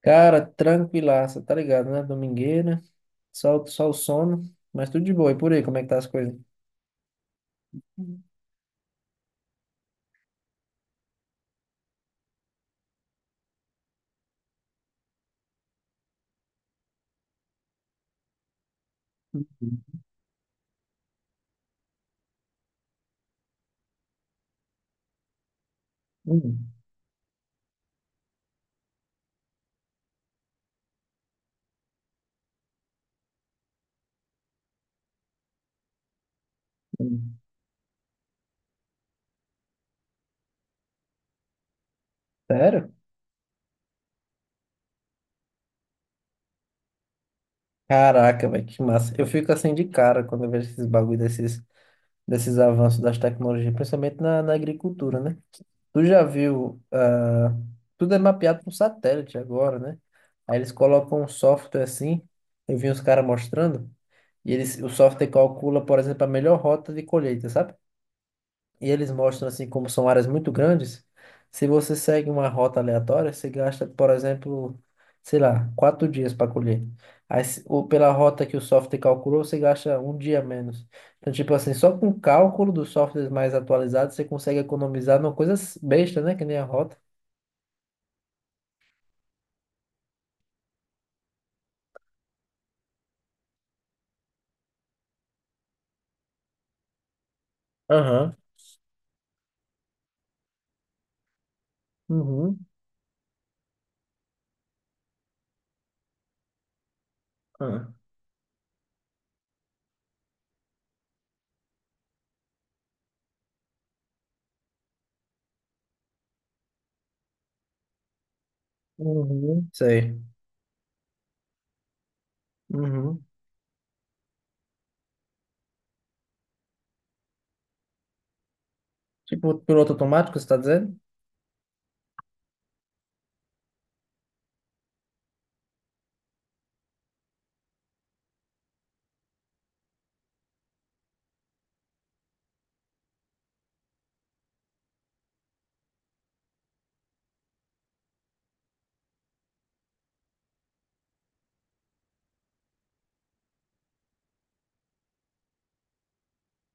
Cara, tranquilaça, tá ligado, né? Domingueira, só o sono, mas tudo de boa. E por aí, como é que tá as coisas? Hum. Hum, hum, hum. Sério? Caraca, velho, que massa. Eu fico assim de cara quando eu vejo esses bagulho desses avanços das tecnologias, principalmente na agricultura, né? Tu já viu, tudo é mapeado por satélite agora, né? Aí eles colocam um software assim, eu vi uns caras mostrando, o software calcula, por exemplo, a melhor rota de colheita, sabe? E eles mostram assim como são áreas muito grandes. Se você segue uma rota aleatória, você gasta, por exemplo, sei lá, quatro dias para colher. Aí, ou pela rota que o software calculou, você gasta um dia menos. Então, tipo assim, só com o cálculo dos softwares mais atualizados, você consegue economizar numa coisa besta, né? Que nem a rota. Aham. Uhum. Ah. Uhum. Sei. Uhum. Tipo, piloto automático, você está dizendo?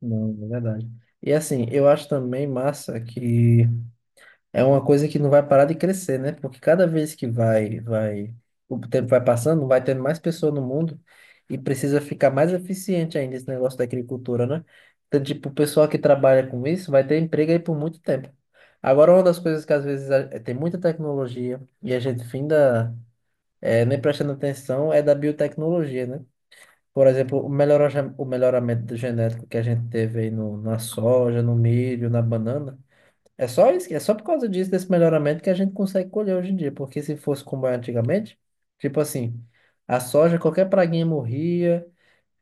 Não, é verdade. E assim, eu acho também massa que é uma coisa que não vai parar de crescer, né? Porque cada vez que vai, o tempo vai passando, vai tendo mais pessoas no mundo e precisa ficar mais eficiente ainda esse negócio da agricultura, né? Então, tipo, o pessoal que trabalha com isso vai ter emprego aí por muito tempo. Agora, uma das coisas que às vezes tem muita tecnologia e a gente finda nem prestando atenção é da biotecnologia, né? Por exemplo, o melhoramento genético que a gente teve aí no, na soja, no milho, na banana. É só isso, é só por causa disso, desse melhoramento, que a gente consegue colher hoje em dia. Porque se fosse como era antigamente, tipo assim, a soja, qualquer praguinha morria,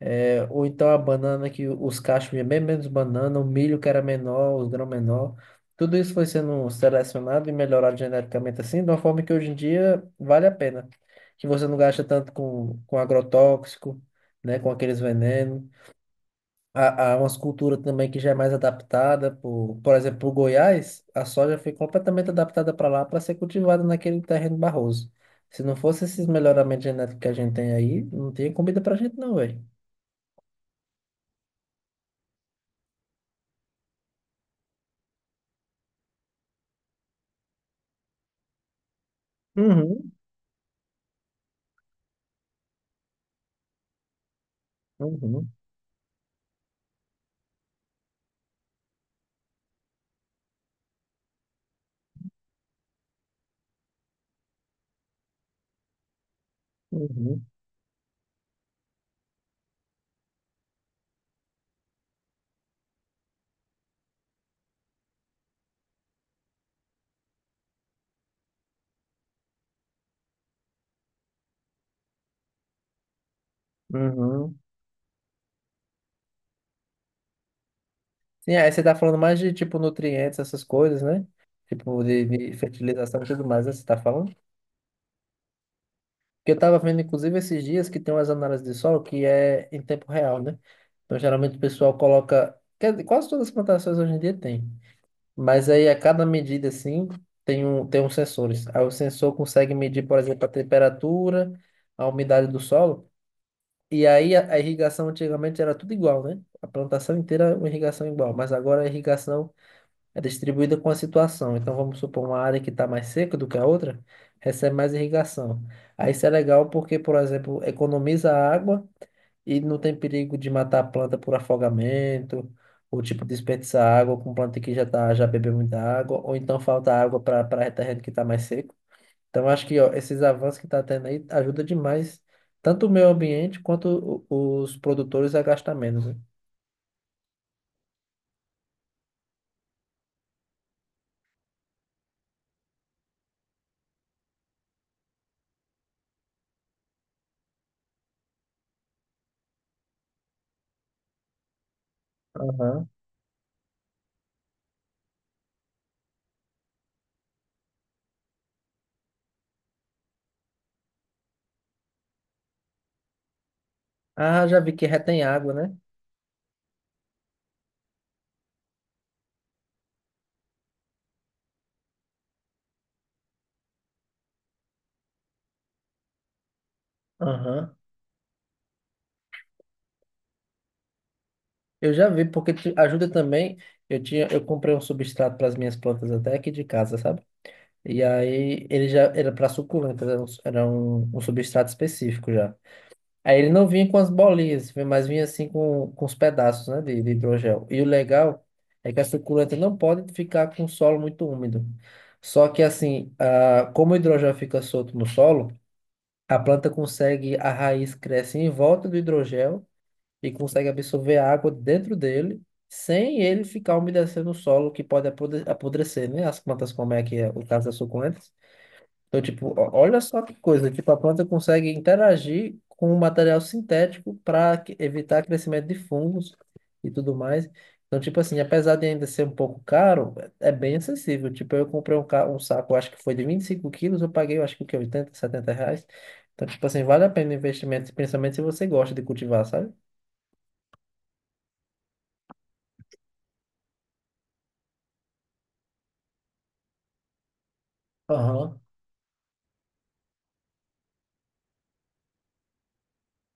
ou então a banana que os cachos iam bem menos banana, o milho que era menor, os grãos menor. Tudo isso foi sendo selecionado e melhorado geneticamente assim, de uma forma que hoje em dia vale a pena. Que você não gasta tanto com agrotóxico, né, com aqueles venenos. Há umas culturas também que já é mais adaptada, por exemplo, o Goiás, a soja foi completamente adaptada para lá para ser cultivada naquele terreno barroso. Se não fosse esses melhoramentos genéticos que a gente tem aí, não tinha comida pra gente não, velho. Uhum, uhum, uhum, uhum. Sim, aí você tá falando mais de tipo nutrientes, essas coisas, né? Tipo de fertilização e tudo mais, né? Você tá falando? Porque eu estava vendo, inclusive, esses dias que tem umas análises de solo que é em tempo real, né? Então, geralmente o pessoal coloca, quer dizer, quase todas as plantações hoje em dia tem. Mas aí, a cada medida, assim, tem uns sensores. Aí o sensor consegue medir, por exemplo, a temperatura, a umidade do solo. E aí, a irrigação antigamente era tudo igual, né? A plantação inteira, uma irrigação igual. Mas agora a irrigação é distribuída com a situação. Então, vamos supor, uma área que está mais seca do que a outra, recebe mais irrigação. Aí isso é legal porque, por exemplo, economiza água e não tem perigo de matar a planta por afogamento, ou tipo desperdiçar água com planta que já tá, já bebeu muita água, ou então falta água para terreno que está mais seco. Então, acho que ó, esses avanços que está tendo aí ajuda demais, tanto o meio ambiente quanto os produtores a gastar menos, né? Aham. Ah, já vi que retém água, né? Aham. Eu já vi, porque te ajuda também. Eu comprei um substrato para as minhas plantas até aqui de casa, sabe? E aí ele já era para suculentas, um substrato específico já. Aí ele não vinha com as bolinhas, mas vinha assim com os pedaços, né, de hidrogel. E o legal é que a suculenta não pode ficar com o solo muito úmido. Só que assim, como o hidrogel fica solto no solo, a raiz cresce em volta do hidrogel e consegue absorver a água dentro dele, sem ele ficar umedecendo o solo, que pode apodrecer, né? As plantas, como é que é o caso das suculentas. Então, tipo, olha só que coisa, tipo, a planta consegue interagir com o material sintético para evitar crescimento de fungos e tudo mais. Então, tipo assim, apesar de ainda ser um pouco caro, é bem acessível. Tipo, eu comprei um saco, acho que foi de 25 quilos, eu paguei, eu acho que o quê? 80, R$ 70. Então, tipo assim, vale a pena o investimento, principalmente se você gosta de cultivar, sabe?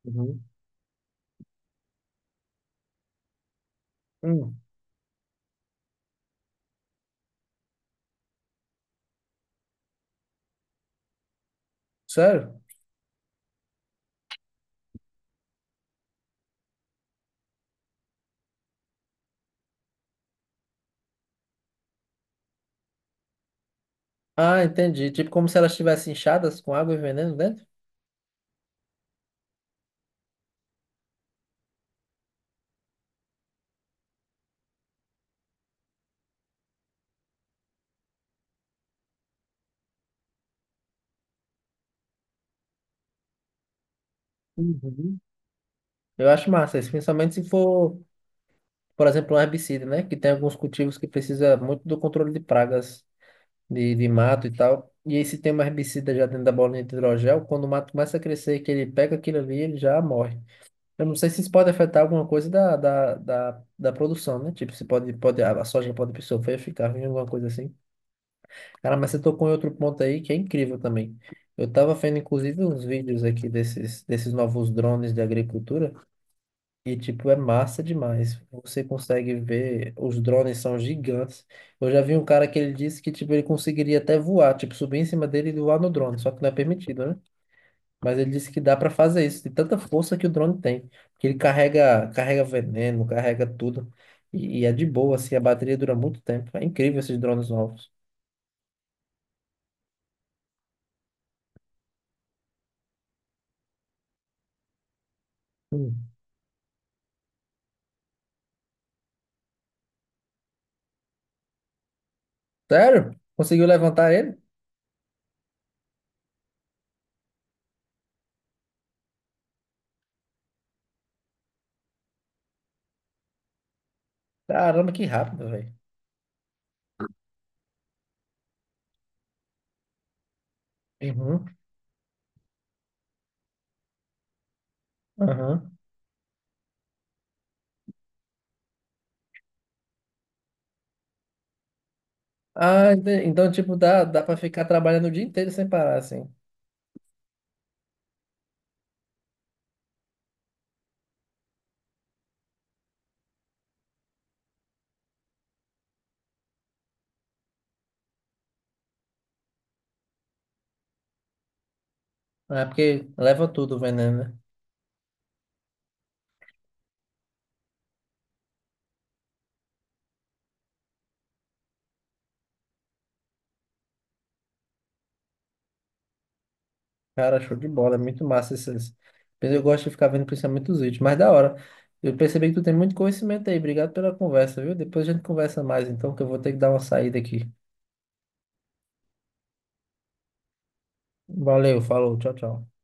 Uhum. Hum, sério? Ah, entendi. Tipo como se elas estivessem inchadas com água e veneno dentro? Uhum. Eu acho massa isso, principalmente se for, por exemplo, um herbicida, né? Que tem alguns cultivos que precisa muito do controle de pragas de mato e tal. E aí se tem um herbicida já dentro da bolinha de hidrogel, quando o mato começa a crescer, que ele pega aquilo ali, ele já morre. Eu não sei se isso pode afetar alguma coisa da produção, né? Tipo, se pode, pode, a soja pode sofrer, ficar ruim, alguma coisa assim. Cara, mas você tocou em outro ponto aí que é incrível também. Eu tava vendo, inclusive, uns vídeos aqui desses novos drones de agricultura e, tipo, é massa demais. Você consegue ver, os drones são gigantes. Eu já vi um cara que ele disse que, tipo, ele conseguiria até voar, tipo, subir em cima dele e voar no drone, só que não é permitido, né? Mas ele disse que dá pra fazer isso, de tanta força que o drone tem. Que ele carrega, veneno, carrega tudo. E é de boa, assim, a bateria dura muito tempo. É incrível esses drones novos. Hum. Sério? Conseguiu levantar ele? Caramba, que rápido, velho. Uhum. Aham. Ah, então, tipo, dá pra ficar trabalhando o dia inteiro sem parar, assim. É porque leva tudo o veneno, né? Cara, show de bola, é muito massa esses. Eu gosto de ficar vendo principalmente os vídeos, mas da hora. Eu percebi que tu tem muito conhecimento aí. Obrigado pela conversa, viu? Depois a gente conversa mais, então, que eu vou ter que dar uma saída aqui. Valeu, falou, tchau, tchau.